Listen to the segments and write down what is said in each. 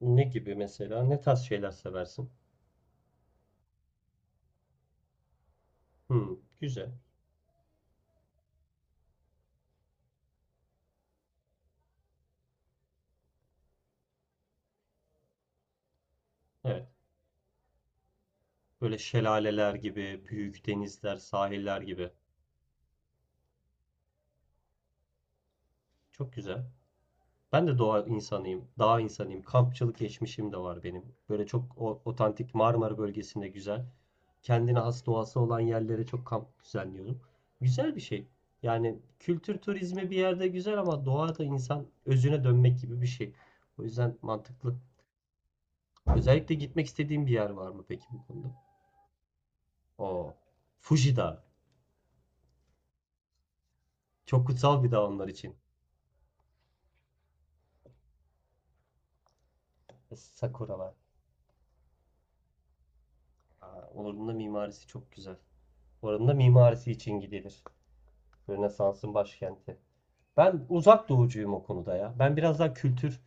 Ne gibi mesela? Ne tarz şeyler seversin? Hmm, güzel. Evet. Böyle şelaleler gibi, büyük denizler, sahiller gibi. Çok güzel. Ben de doğa insanıyım, dağ insanıyım. Kampçılık geçmişim de var benim. Böyle çok otantik Marmara bölgesinde güzel. Kendine has doğası olan yerlere çok kamp düzenliyorum. Güzel bir şey. Yani kültür turizmi bir yerde güzel ama doğa da insan özüne dönmek gibi bir şey. O yüzden mantıklı. Özellikle gitmek istediğin bir yer var mı peki bu konuda? O Fuji Dağı. Çok kutsal bir dağ onlar için. Sakuralar. Aa, oranın da mimarisi çok güzel. Oranın da mimarisi için gidilir. Rönesans'ın başkenti. Ben uzak doğucuyum o konuda ya. Ben biraz daha kültür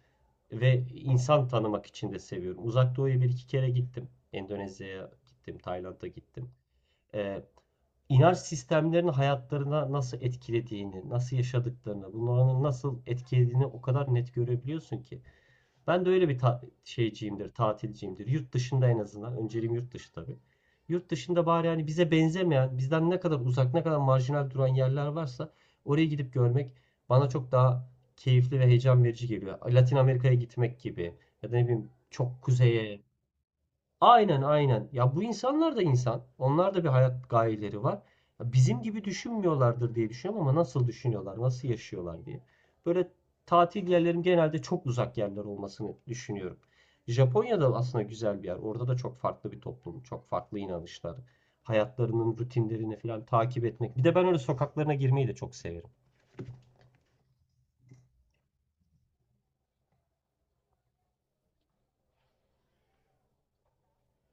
ve insan tanımak için de seviyorum. Uzak doğuya bir iki kere gittim. Endonezya'ya gittim, Tayland'a gittim. Ee, inanç sistemlerinin hayatlarına nasıl etkilediğini, nasıl yaşadıklarını, bunların nasıl etkilediğini o kadar net görebiliyorsun ki. Ben de öyle bir şeyciyimdir, tatilciyimdir. Yurt dışında en azından. Önceliğim yurt dışı tabii. Yurt dışında bari hani bize benzemeyen, bizden ne kadar uzak, ne kadar marjinal duran yerler varsa oraya gidip görmek bana çok daha keyifli ve heyecan verici geliyor. Latin Amerika'ya gitmek gibi ya da ne bileyim çok kuzeye. Aynen aynen. Ya bu insanlar da insan. Onlar da bir hayat gayeleri var. Ya bizim gibi düşünmüyorlardır diye düşünüyorum ama nasıl düşünüyorlar, nasıl yaşıyorlar diye. Böyle tatil yerlerin genelde çok uzak yerler olmasını düşünüyorum. Japonya'da aslında güzel bir yer. Orada da çok farklı bir toplum, çok farklı inanışlar. Hayatlarının rutinlerini falan takip etmek. Bir de ben öyle sokaklarına girmeyi de çok severim.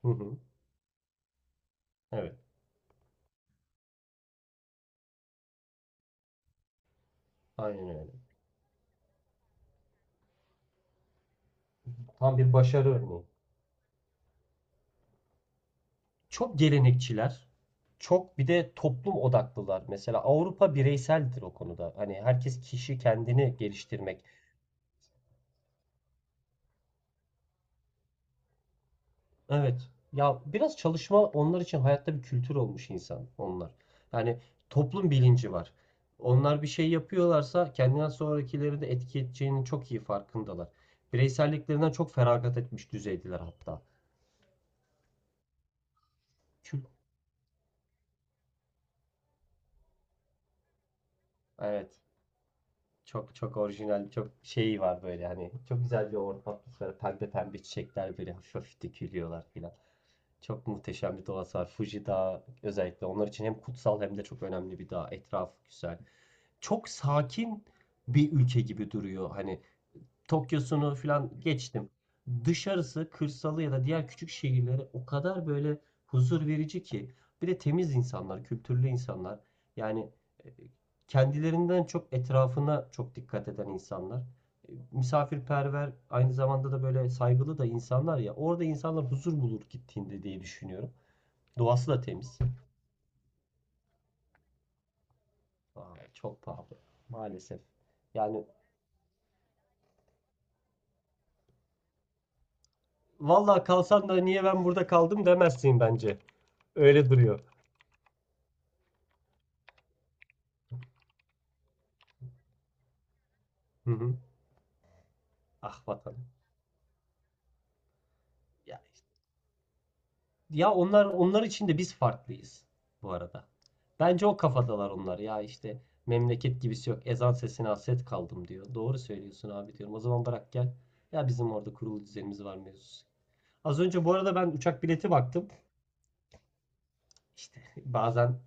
Hı hı. Evet, aynen öyle. Tam bir başarı örneği. Çok gelenekçiler, çok bir de toplum odaklılar. Mesela Avrupa bireyseldir o konuda. Hani herkes kişi kendini geliştirmek. Evet. Ya biraz çalışma onlar için hayatta bir kültür olmuş insan onlar. Yani toplum bilinci var. Onlar bir şey yapıyorlarsa kendinden sonrakileri de etki edeceğinin çok iyi farkındalar. Bireyselliklerinden çok feragat etmiş düzeydiler hatta. Kül- Evet. Çok çok orijinal, çok şeyi var böyle hani. Çok güzel bir ortam atmosferi. Pembe pembe çiçekler böyle hafif hafif dökülüyorlar filan. Çok muhteşem bir doğası var. Fuji Dağı özellikle onlar için hem kutsal hem de çok önemli bir dağ. Etrafı güzel. Çok sakin bir ülke gibi duruyor. Hani Tokyo'sunu falan geçtim. Dışarısı, kırsalı ya da diğer küçük şehirleri o kadar böyle huzur verici ki. Bir de temiz insanlar, kültürlü insanlar. Yani e, kendilerinden çok etrafına çok dikkat eden insanlar. Misafirperver, aynı zamanda da böyle saygılı da insanlar ya. Orada insanlar huzur bulur gittiğinde diye düşünüyorum. Doğası da temiz. Aa, çok pahalı maalesef. Yani vallahi kalsan da niye ben burada kaldım demezsin bence. Öyle duruyor. Hı hı. Ah vatanım. Ya, ya onlar için de biz farklıyız bu arada. Bence o kafadalar onlar. Ya işte memleket gibisi yok. Ezan sesine hasret kaldım diyor. Doğru söylüyorsun abi diyorum. O zaman bırak gel. Ya bizim orada kurulu düzenimiz var mevzusu. Az önce bu arada ben uçak bileti baktım. İşte bazen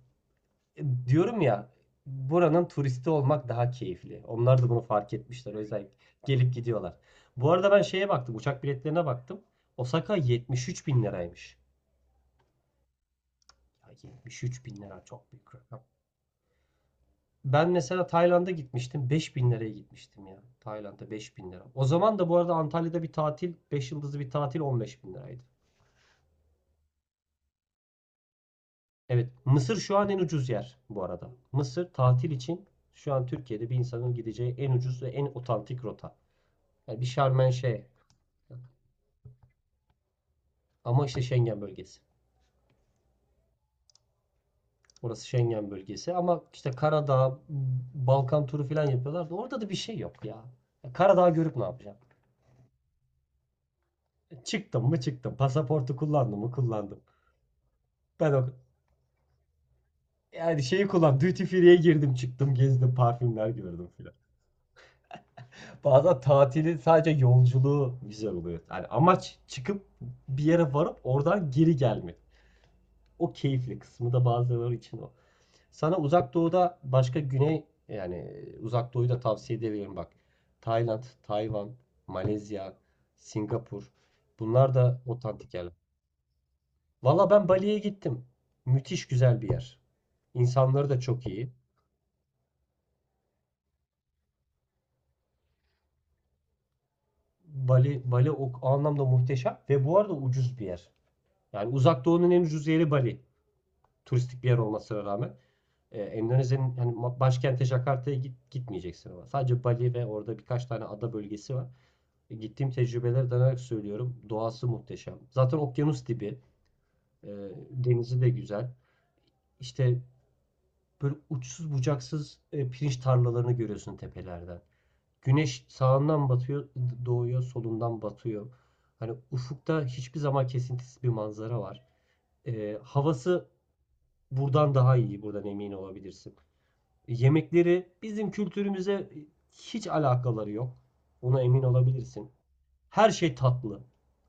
diyorum ya buranın turisti olmak daha keyifli. Onlar da bunu fark etmişler. O yüzden gelip gidiyorlar. Bu arada ben şeye baktım. Uçak biletlerine baktım. Osaka 73 bin liraymış. Ya 73 bin lira çok büyük rakam. Ben mesela Tayland'a gitmiştim. 5 bin liraya gitmiştim ya. Tayland'a 5 bin lira. O zaman da bu arada Antalya'da bir tatil, 5 yıldızlı bir tatil 15 bin liraydı. Evet. Mısır şu an en ucuz yer bu arada. Mısır tatil için şu an Türkiye'de bir insanın gideceği en ucuz ve en otantik rota. Yani bir Şarm şey, ama işte Schengen bölgesi. Orası Schengen bölgesi. Ama işte Karadağ, Balkan turu falan yapıyorlar da orada da bir şey yok. Ya Karadağ görüp ne yapacağım? Çıktım mı çıktım. Pasaportu kullandım mı kullandım. Ben o yani şeyi kullan duty free'ye girdim çıktım gezdim parfümler gördüm filan. Bazen tatili sadece yolculuğu güzel oluyor. Yani amaç çıkıp bir yere varıp oradan geri gelmek. O keyifli kısmı da bazıları için o. Sana uzak doğuda başka güney yani uzak doğuyu da tavsiye edebilirim bak. Tayland, Tayvan, Malezya, Singapur. Bunlar da otantik yerler. Valla ben Bali'ye gittim. Müthiş güzel bir yer. İnsanları da çok iyi. Bali, Bali o anlamda muhteşem ve bu arada ucuz bir yer. Yani Uzak Doğu'nun en ucuz yeri Bali. Turistik bir yer olmasına rağmen. Endonezya'nın hani başkenti Jakarta'ya git, gitmeyeceksin ama. Sadece Bali ve orada birkaç tane ada bölgesi var. Gittiğim tecrübeleri dayanarak söylüyorum. Doğası muhteşem. Zaten okyanus dibi. E, denizi de güzel. İşte böyle uçsuz bucaksız pirinç tarlalarını görüyorsun tepelerden. Güneş sağından batıyor, doğuyor, solundan batıyor. Hani ufukta hiçbir zaman kesintisiz bir manzara var. Havası buradan daha iyi, buradan emin olabilirsin. Yemekleri bizim kültürümüze hiç alakaları yok. Ona emin olabilirsin. Her şey tatlı.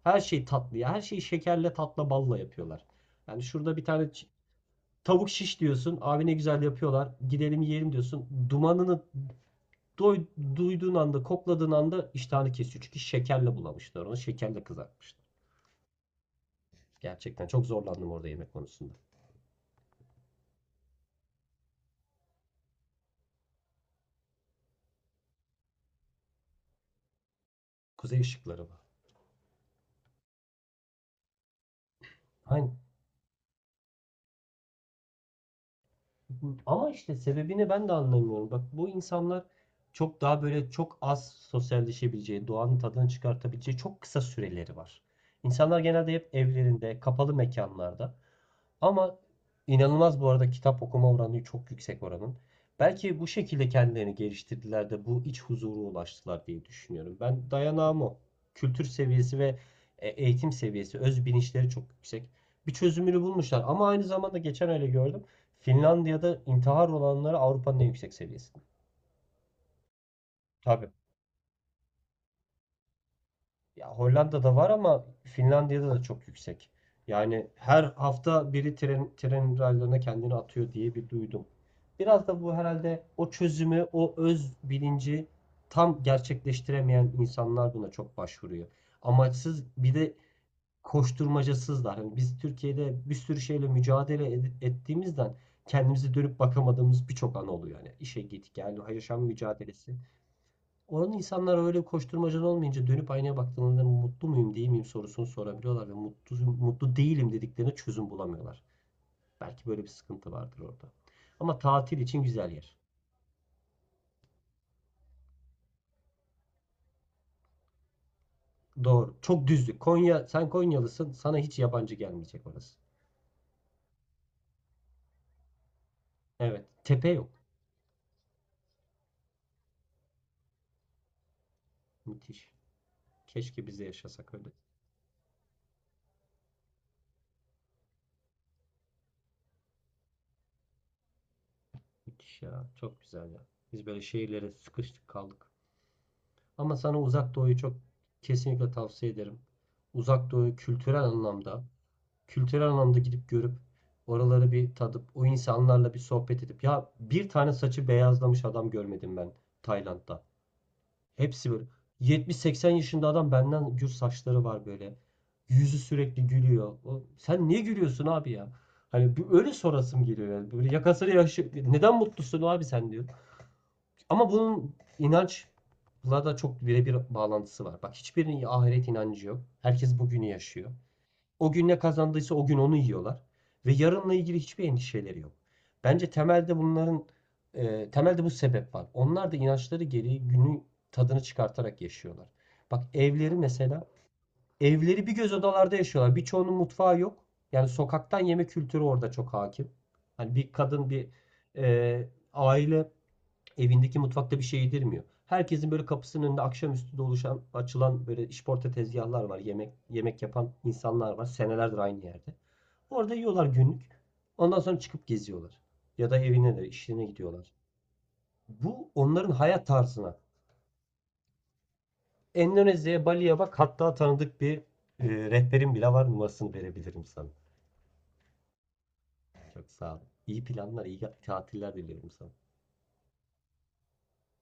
Her şey tatlı ya. Her şeyi şekerle, tatla, balla yapıyorlar. Yani şurada bir tane tavuk şiş diyorsun. Abi ne güzel yapıyorlar. Gidelim yiyelim diyorsun. Dumanını Doy- duyduğun anda, kokladığın anda iştahını kesiyor. Çünkü şekerle bulamışlar onu. Şekerle kızartmışlar. Gerçekten çok zorlandım orada yemek konusunda. Kuzey ışıkları var. Hani ama işte sebebini ben de anlamıyorum. Bak bu insanlar çok daha böyle çok az sosyalleşebileceği, doğanın tadını çıkartabileceği çok kısa süreleri var. İnsanlar genelde hep evlerinde, kapalı mekanlarda. Ama inanılmaz bu arada kitap okuma oranı çok yüksek oranın. Belki bu şekilde kendilerini geliştirdiler de bu iç huzura ulaştılar diye düşünüyorum. Ben dayanağım o. Kültür seviyesi ve eğitim seviyesi, öz bilinçleri çok yüksek. Bir çözümünü bulmuşlar ama aynı zamanda geçen öyle gördüm. Finlandiya'da intihar oranları Avrupa'nın en yüksek seviyesi. Tabii. Ya Hollanda'da var ama Finlandiya'da da çok yüksek. Yani her hafta biri tren raylarına kendini atıyor diye bir duydum. Biraz da bu herhalde o çözümü, o öz bilinci tam gerçekleştiremeyen insanlar buna çok başvuruyor. Amaçsız bir de koşturmacasızlar. Hani biz Türkiye'de bir sürü şeyle mücadele ettiğimizden kendimize dönüp bakamadığımız birçok an oluyor. Yani işe git gel, yaşam mücadelesi. Onun insanlar öyle koşturmacan olmayınca dönüp aynaya baktığında mutlu muyum değil miyim sorusunu sorabiliyorlar ve mutlu değilim dediklerine çözüm bulamıyorlar. Belki böyle bir sıkıntı vardır orada. Ama tatil için güzel yer. Doğru. Çok düzlük. Konya, sen Konyalısın. Sana hiç yabancı gelmeyecek orası. Evet. Tepe yok. Müthiş. Keşke biz de yaşasak öyle. Müthiş ya. Çok güzel ya. Biz böyle şehirlere sıkıştık kaldık. Ama sana Uzak Doğu'yu çok kesinlikle tavsiye ederim. Uzak Doğu kültürel anlamda gidip görüp oraları bir tadıp o insanlarla bir sohbet edip ya bir tane saçı beyazlamış adam görmedim ben Tayland'da. Hepsi böyle 70-80 yaşında adam benden gür saçları var böyle. Yüzü sürekli gülüyor. O, sen niye gülüyorsun abi ya? Hani bir öyle sorasım geliyor yani. Böyle yakasını yaşı neden mutlusun abi sen diyor. Ama bunun inanç bunlar da çok birebir bağlantısı var. Bak hiçbirinin ahiret inancı yok. Herkes bugünü yaşıyor. O gün ne kazandıysa o gün onu yiyorlar. Ve yarınla ilgili hiçbir endişeleri yok. Bence temelde bunların temelde bu sebep var. Onlar da inançları gereği günü tadını çıkartarak yaşıyorlar. Bak evleri mesela evleri bir göz odalarda yaşıyorlar. Birçoğunun mutfağı yok. Yani sokaktan yeme kültürü orada çok hakim. Hani bir kadın bir e, aile evindeki mutfakta bir şey yedirmiyor. Herkesin böyle kapısının önünde akşamüstü de oluşan, açılan böyle işporta tezgahlar var. Yemek yapan insanlar var. Senelerdir aynı yerde. Orada yiyorlar günlük. Ondan sonra çıkıp geziyorlar. Ya da evine de işlerine gidiyorlar. Bu onların hayat tarzına. Endonezya'ya, Bali'ye bak. Hatta tanıdık bir rehberim bile var. Numarasını verebilirim sana. Çok sağ ol. İyi planlar, iyi tatiller diliyorum sana.